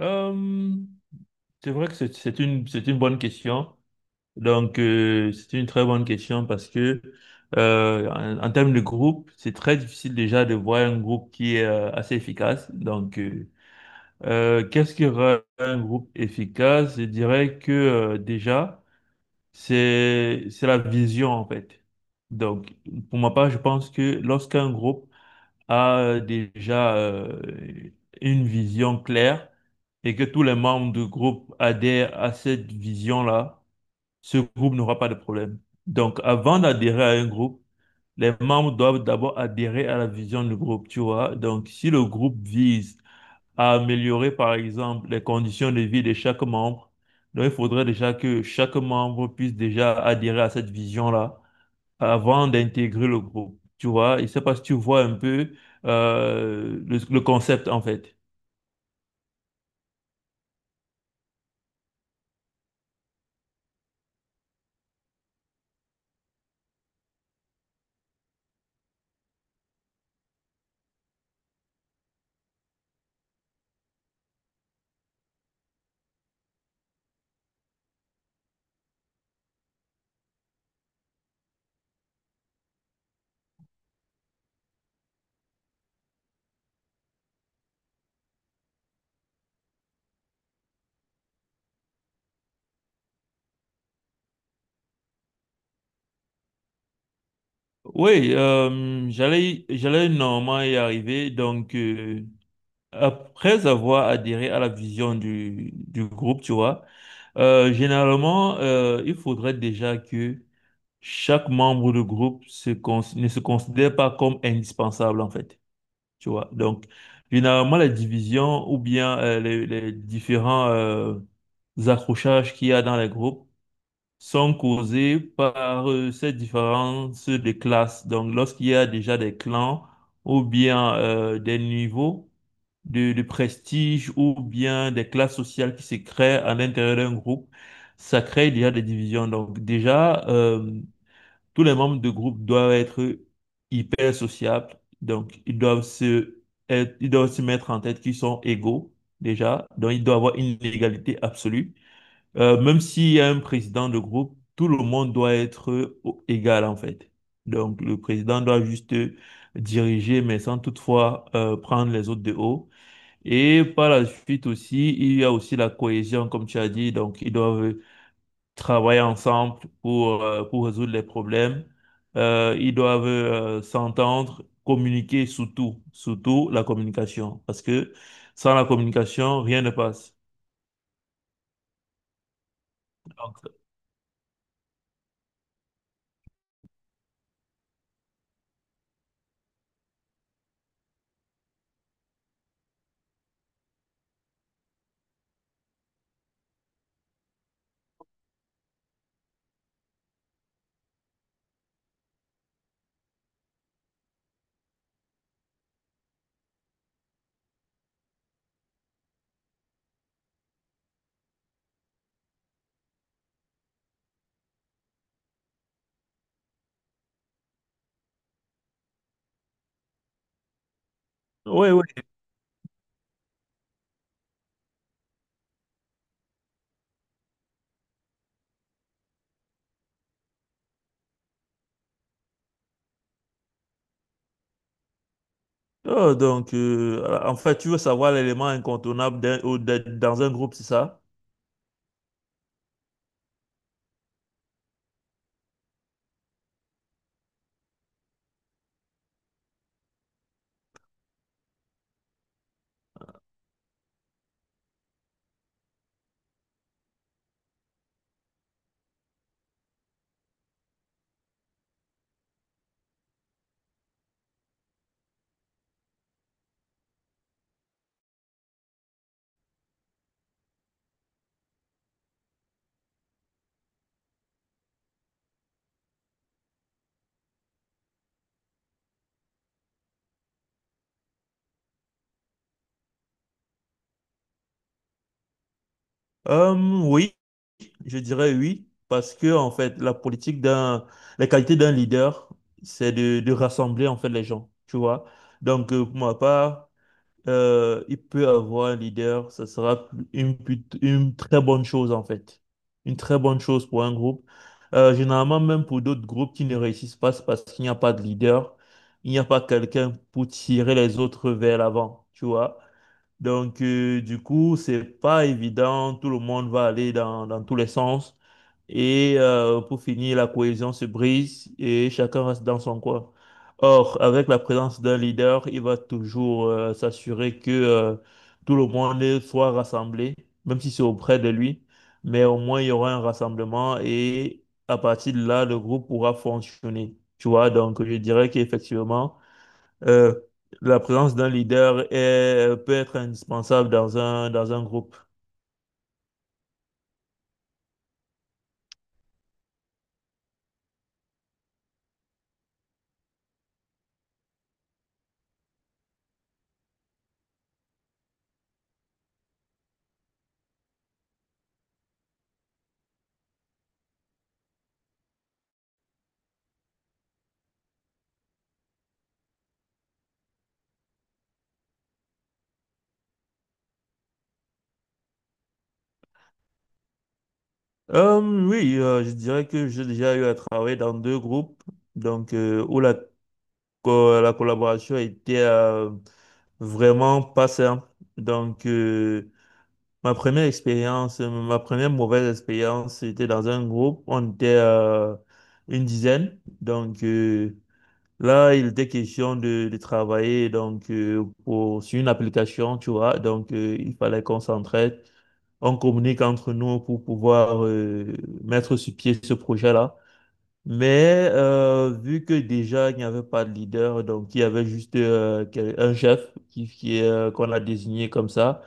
Euh, c'est vrai que c'est une bonne question. Donc, c'est une très bonne question parce que en termes de groupe, c'est très difficile déjà de voir un groupe qui est assez efficace. Donc, qu'est-ce qui rend un groupe efficace? Je dirais que déjà, c'est la vision en fait. Donc, pour ma part, je pense que lorsqu'un groupe a déjà une vision claire et que tous les membres du groupe adhèrent à cette vision-là, ce groupe n'aura pas de problème. Donc, avant d'adhérer à un groupe, les membres doivent d'abord adhérer à la vision du groupe, tu vois. Donc, si le groupe vise à améliorer, par exemple, les conditions de vie de chaque membre, donc il faudrait déjà que chaque membre puisse déjà adhérer à cette vision-là avant d'intégrer le groupe. Tu vois, je ne sais pas si tu vois un peu le concept en fait. Oui, j'allais normalement y arriver. Donc, après avoir adhéré à la vision du groupe, tu vois, généralement, il faudrait déjà que chaque membre du groupe ne se considère pas comme indispensable en fait. Tu vois, donc, généralement, la division ou bien les différents accrochages qu'il y a dans les groupes sont causés par ces différences de classes. Donc, lorsqu'il y a déjà des clans ou bien des niveaux de prestige ou bien des classes sociales qui se créent à l'intérieur d'un groupe, ça crée déjà des divisions. Donc, déjà, tous les membres du groupe doivent être hyper sociables. Donc, ils doivent se mettre en tête qu'ils sont égaux, déjà. Donc, il doit y avoir une égalité absolue. Même s'il y a un président de groupe, tout le monde doit être égal, en fait. Donc, le président doit juste diriger, mais sans toutefois prendre les autres de haut. Et par la suite aussi, il y a aussi la cohésion, comme tu as dit. Donc, ils doivent travailler ensemble pour résoudre les problèmes. Ils doivent s'entendre, communiquer surtout, surtout la communication, parce que sans la communication, rien ne passe. Donc, oui, oui. Oh, donc, voilà. En fait, tu veux savoir l'élément incontournable dans un groupe, c'est ça? Euh, oui, je dirais oui, parce que en fait, la qualité d'un leader, c'est de rassembler en fait les gens, tu vois. Donc, pour ma part, il peut avoir un leader, ça sera une très bonne chose en fait. Une très bonne chose pour un groupe. Généralement, même pour d'autres groupes qui ne réussissent pas, c'est parce qu'il n'y a pas de leader, il n'y a pas quelqu'un pour tirer les autres vers l'avant, tu vois. Donc, du coup, c'est pas évident. Tout le monde va aller dans tous les sens. Et pour finir, la cohésion se brise et chacun reste dans son coin. Or, avec la présence d'un leader, il va toujours s'assurer que tout le monde soit rassemblé, même si c'est auprès de lui. Mais au moins, il y aura un rassemblement et à partir de là, le groupe pourra fonctionner. Tu vois, donc je dirais qu'effectivement, euh, la présence d'un leader est, peut être indispensable dans dans un groupe. Euh, oui, je dirais que j'ai déjà eu à travailler dans deux groupes, donc où la collaboration était vraiment pas simple. Donc, ma première mauvaise expérience, c'était dans un groupe, on était une dizaine. Donc, là, il était question de travailler donc sur une application, tu vois. Donc, il fallait qu'on s'entraide, on communique entre nous pour pouvoir mettre sur pied ce projet-là. Mais vu que déjà il n'y avait pas de leader, donc il y avait juste un chef qu'on a désigné comme ça,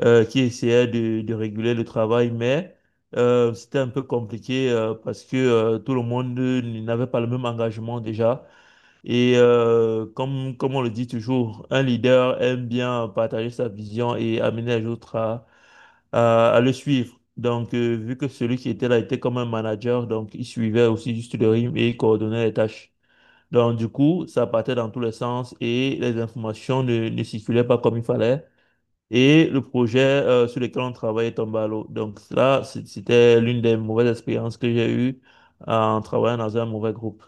qui essayait de réguler le travail, mais c'était un peu compliqué parce que tout le monde n'avait pas le même engagement déjà. Et comme on le dit toujours, un leader aime bien partager sa vision et amener les autres à le suivre. Donc, vu que celui qui était là était comme un manager, donc il suivait aussi juste le rythme et il coordonnait les tâches. Donc, du coup, ça partait dans tous les sens et les informations ne circulaient pas comme il fallait. Et le projet sur lequel on travaillait tombait à l'eau. Donc, là, c'était l'une des mauvaises expériences que j'ai eues en travaillant dans un mauvais groupe.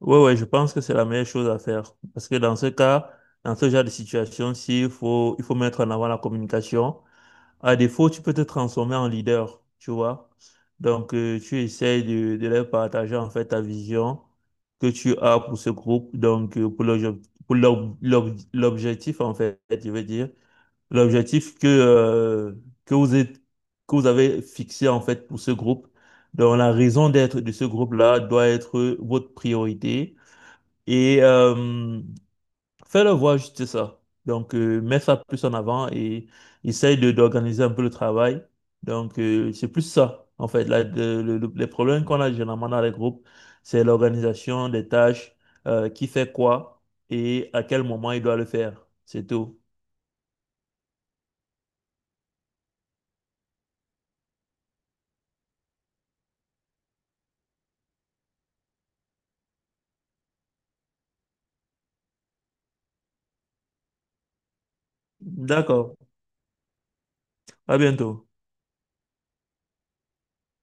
Oui, ouais, ouais, je pense que c'est la meilleure chose à faire. Parce que dans ce cas, dans ce genre de situation, il faut mettre en avant la communication. À défaut, tu peux te transformer en leader, tu vois. Donc, tu essayes de leur partager en fait ta vision que tu as pour ce groupe, donc pour l'obje- pour l'ob- l'ob- l'objectif en fait, je veux dire, l'objectif que vous êtes, que vous avez fixé en fait pour ce groupe. Donc, la raison d'être de ce groupe-là doit être votre priorité et fais-le voir juste ça. Donc, mets ça plus en avant et essaye d'organiser un peu le travail. Donc, c'est plus ça, en fait. Les problèmes qu'on a généralement dans les groupes, c'est l'organisation des tâches, qui fait quoi et à quel moment il doit le faire. C'est tout. D'accord. À bientôt.